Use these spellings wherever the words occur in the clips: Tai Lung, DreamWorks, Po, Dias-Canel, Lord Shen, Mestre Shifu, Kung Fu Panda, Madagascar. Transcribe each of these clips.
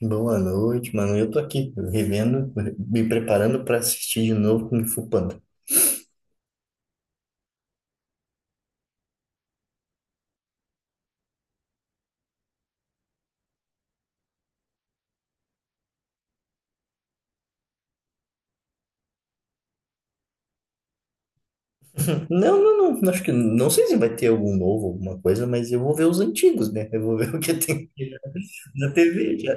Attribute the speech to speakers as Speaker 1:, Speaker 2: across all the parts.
Speaker 1: Boa noite, mano. Eu tô aqui revendo, me preparando pra assistir de novo Kung Fu Panda. Não, não, não. Acho que não sei se vai ter algum novo, alguma coisa, mas eu vou ver os antigos, né? Eu vou ver o que tem aqui já na TV já.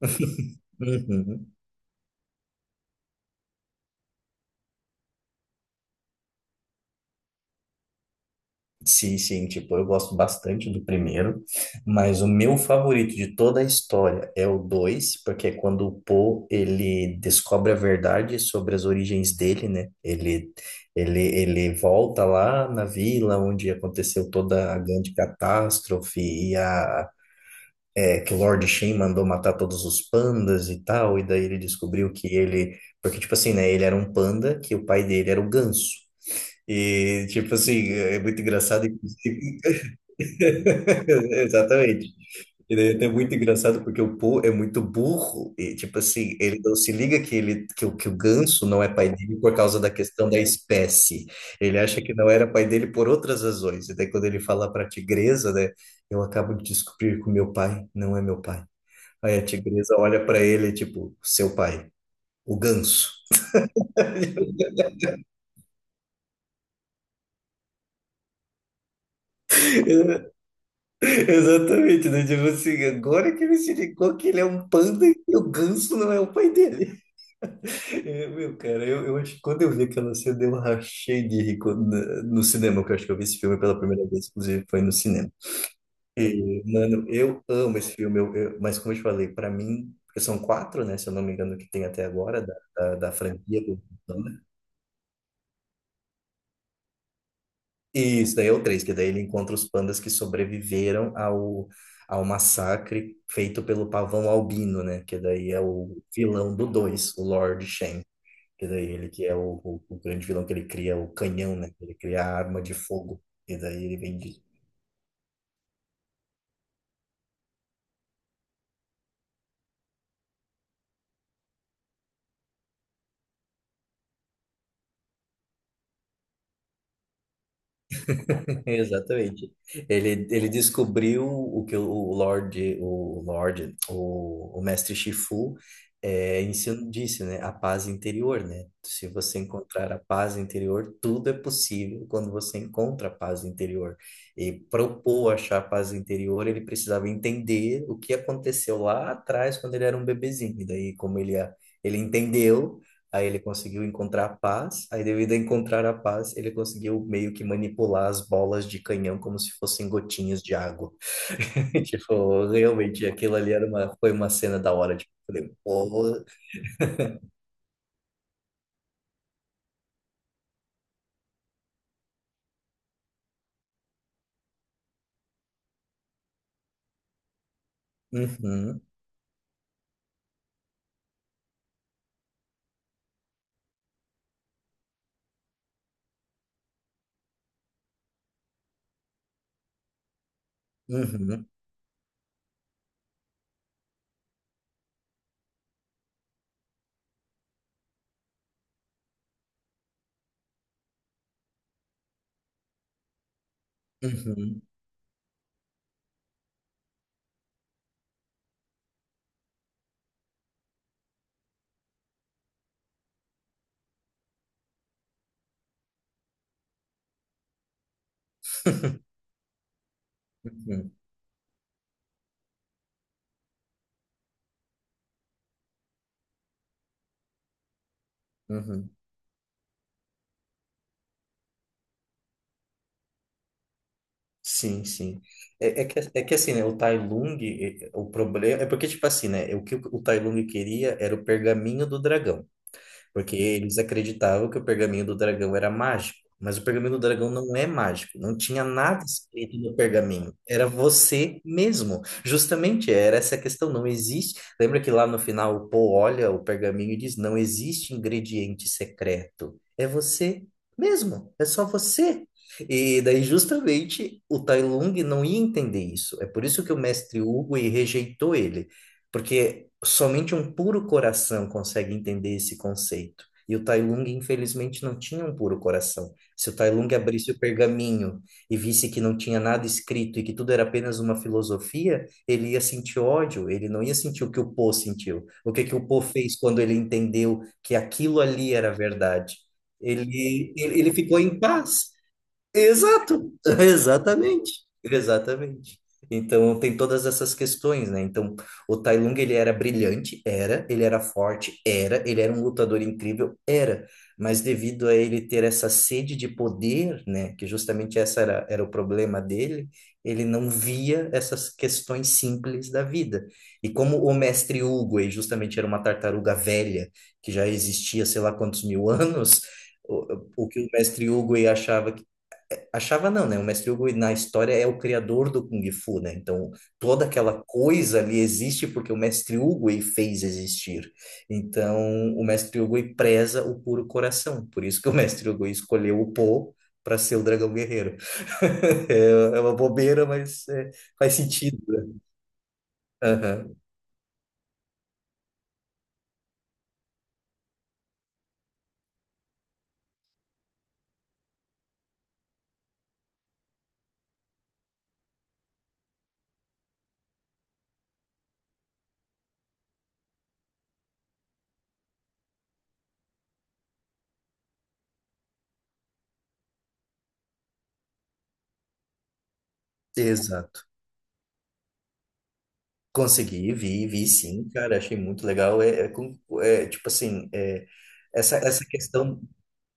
Speaker 1: Uhum. Sim, sim, tipo, eu gosto bastante do primeiro, mas o meu favorito de toda a história é o dois porque é quando o Poe, ele descobre a verdade sobre as origens dele, né? Ele volta lá na vila onde aconteceu toda a grande catástrofe e que o Lord Shen mandou matar todos os pandas e tal, e daí ele descobriu que ele... Porque, tipo assim, né? Ele era um panda que o pai dele era o ganso. E, tipo assim, é muito engraçado. Exatamente. E daí é muito engraçado porque o Po é muito burro e tipo assim, ele não se liga que o que o ganso não é pai dele por causa da questão da espécie. Ele acha que não era pai dele por outras razões. E daí quando ele fala para a tigresa, né, eu acabo de descobrir que o meu pai não é meu pai. Aí a tigresa olha para ele tipo, seu pai, o ganso. Exatamente, né? Tipo assim, agora que ele se ligou que ele é um panda e o ganso não é o pai dele. Eu, meu, cara, eu acho que quando eu vi aquela cena, eu rachei de rir né, no cinema, que eu acho que eu vi esse filme pela primeira vez, inclusive foi no cinema. E, mano, eu amo esse filme, eu, mas como eu te falei, pra mim, porque são quatro, né, se eu não me engano, que tem até agora, da franquia do Panda. E isso daí é o três, que daí ele encontra os pandas que sobreviveram ao massacre feito pelo pavão albino, né, que daí é o vilão do dois, o Lord Shen. Que daí ele que é o grande vilão que ele cria, o canhão, né? Ele cria a arma de fogo. E daí ele vem de Exatamente. Ele descobriu o que o o Mestre Shifu ensinou, disse, né? A paz interior, né? Se você encontrar a paz interior, tudo é possível quando você encontra a paz interior. E propor achar a paz interior, ele precisava entender o que aconteceu lá atrás, quando ele era um bebezinho. E daí, ele entendeu. Aí ele conseguiu encontrar a paz, aí devido a encontrar a paz, ele conseguiu meio que manipular as bolas de canhão como se fossem gotinhas de água. Tipo, realmente aquilo ali era uma, foi uma cena da hora, tipo, eu falei, pô, uhum, uhum, uhum. Uhum, uhum. Sim, sim. É que assim, né, o Tai Lung, o problema... É porque, tipo assim, né, o que o Tai Lung queria era o pergaminho do dragão. Porque eles acreditavam que o pergaminho do dragão era mágico, mas o pergaminho do dragão não é mágico, não tinha nada escrito no pergaminho, era você mesmo. Justamente era essa a questão, não existe. Lembra que lá no final o Poe olha o pergaminho e diz: não existe ingrediente secreto, é você mesmo, é só você. E daí, justamente, o Tai Lung não ia entender isso. É por isso que o mestre Hugo rejeitou ele porque somente um puro coração consegue entender esse conceito. E o Tai Lung, infelizmente, não tinha um puro coração. Se o Tai Lung abrisse o pergaminho e visse que não tinha nada escrito e que tudo era apenas uma filosofia, ele ia sentir ódio, ele não ia sentir o que o Po sentiu. O que que o Po fez quando ele entendeu que aquilo ali era verdade? Ele ficou em paz. Exato, exatamente, exatamente. Então tem todas essas questões, né? Então o Tai Lung ele era brilhante, era, ele era forte, era, ele era um lutador incrível, era, mas devido a ele ter essa sede de poder, né? Que justamente essa era o problema dele, ele não via essas questões simples da vida. E como o mestre Hugo, ele justamente era uma tartaruga velha que já existia sei lá quantos mil anos. O que o mestre Hugo aí achava. Achava não, né? O Mestre Hugo na história é o criador do Kung Fu, né? Então, toda aquela coisa ali existe porque o Mestre Hugo ele fez existir. Então, o Mestre Hugo ele preza o puro coração. Por isso que o Mestre Hugo escolheu o Po para ser o dragão guerreiro. É uma bobeira, mas é, faz sentido, né? Aham, Exato. Consegui, vi sim, cara, achei muito legal. É, tipo assim, é, essa questão.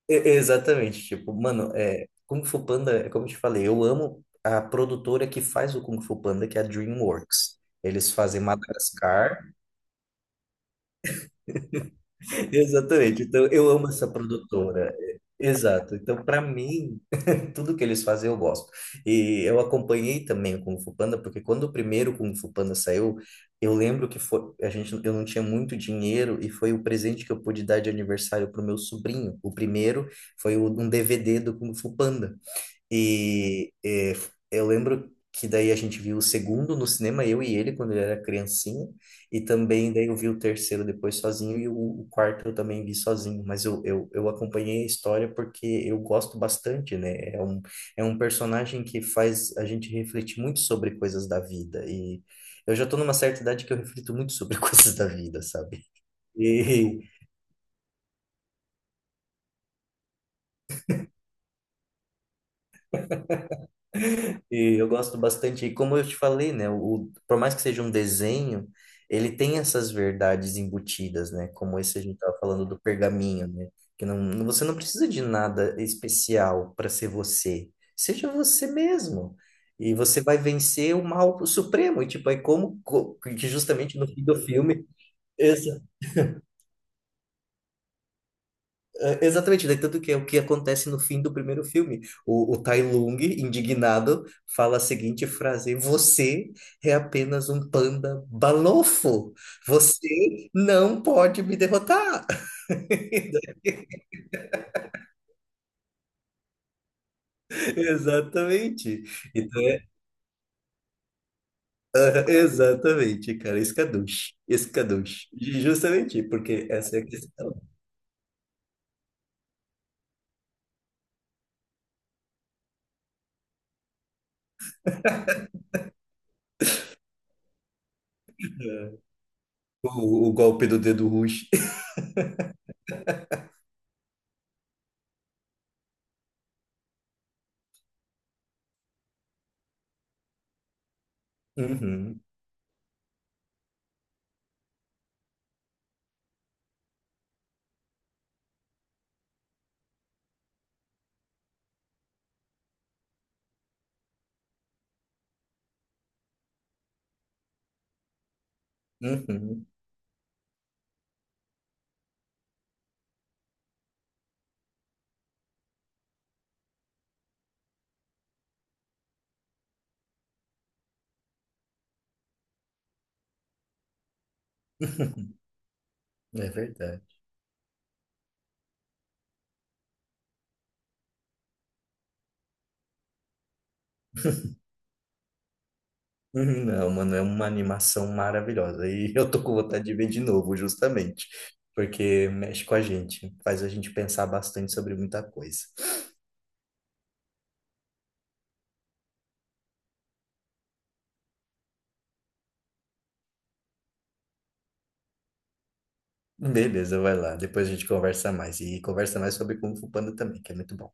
Speaker 1: E- Exatamente, tipo, mano, é, Kung Fu Panda, é como eu te falei, eu amo a produtora que faz o Kung Fu Panda, que é a DreamWorks. Eles fazem Madagascar. Exatamente, então eu amo essa produtora. Exato, então pra mim, tudo que eles fazem eu gosto. E eu acompanhei também o Kung Fu Panda, porque quando o primeiro Kung Fu Panda saiu, eu lembro que foi, a gente, eu não tinha muito dinheiro e foi o presente que eu pude dar de aniversário pro meu sobrinho. O primeiro foi um DVD do Kung Fu Panda. E, eu lembro que daí a gente viu o segundo no cinema, eu e ele, quando ele era criancinha, e também daí eu vi o terceiro depois sozinho, e o quarto eu também vi sozinho, mas eu acompanhei a história porque eu gosto bastante, né? É um personagem que faz a gente refletir muito sobre coisas da vida, e eu já tô numa certa idade que eu reflito muito sobre coisas da vida, sabe? E, E eu gosto bastante. E como eu te falei, né? O, por mais que seja um desenho, ele tem essas verdades embutidas, né? Como esse a gente estava falando do pergaminho, né? Que não, você não precisa de nada especial para ser você. Seja você mesmo. E você vai vencer o mal supremo. E tipo, que justamente no fim do filme. É, Exatamente, daí tanto que é o que acontece no fim do primeiro filme. O Tai Lung, indignado, fala a seguinte frase: Você é apenas um panda balofo. Você não pode me derrotar. Exatamente. Então, é- exatamente, cara. Escaduche. Escaduche. Justamente, porque essa é a questão. É. O golpe do dedo roxo. Uhum, uhum. É verdade. Uhum, Não, mano, é uma animação maravilhosa. E eu tô com vontade de ver de novo, justamente, porque mexe com a gente, faz a gente pensar bastante sobre muita coisa. Beleza, vai lá. Depois a gente conversa mais. E conversa mais sobre Kung Fu Panda também, que é muito bom.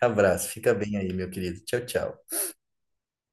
Speaker 1: Abraço, fica bem aí, meu querido. Tchau, tchau.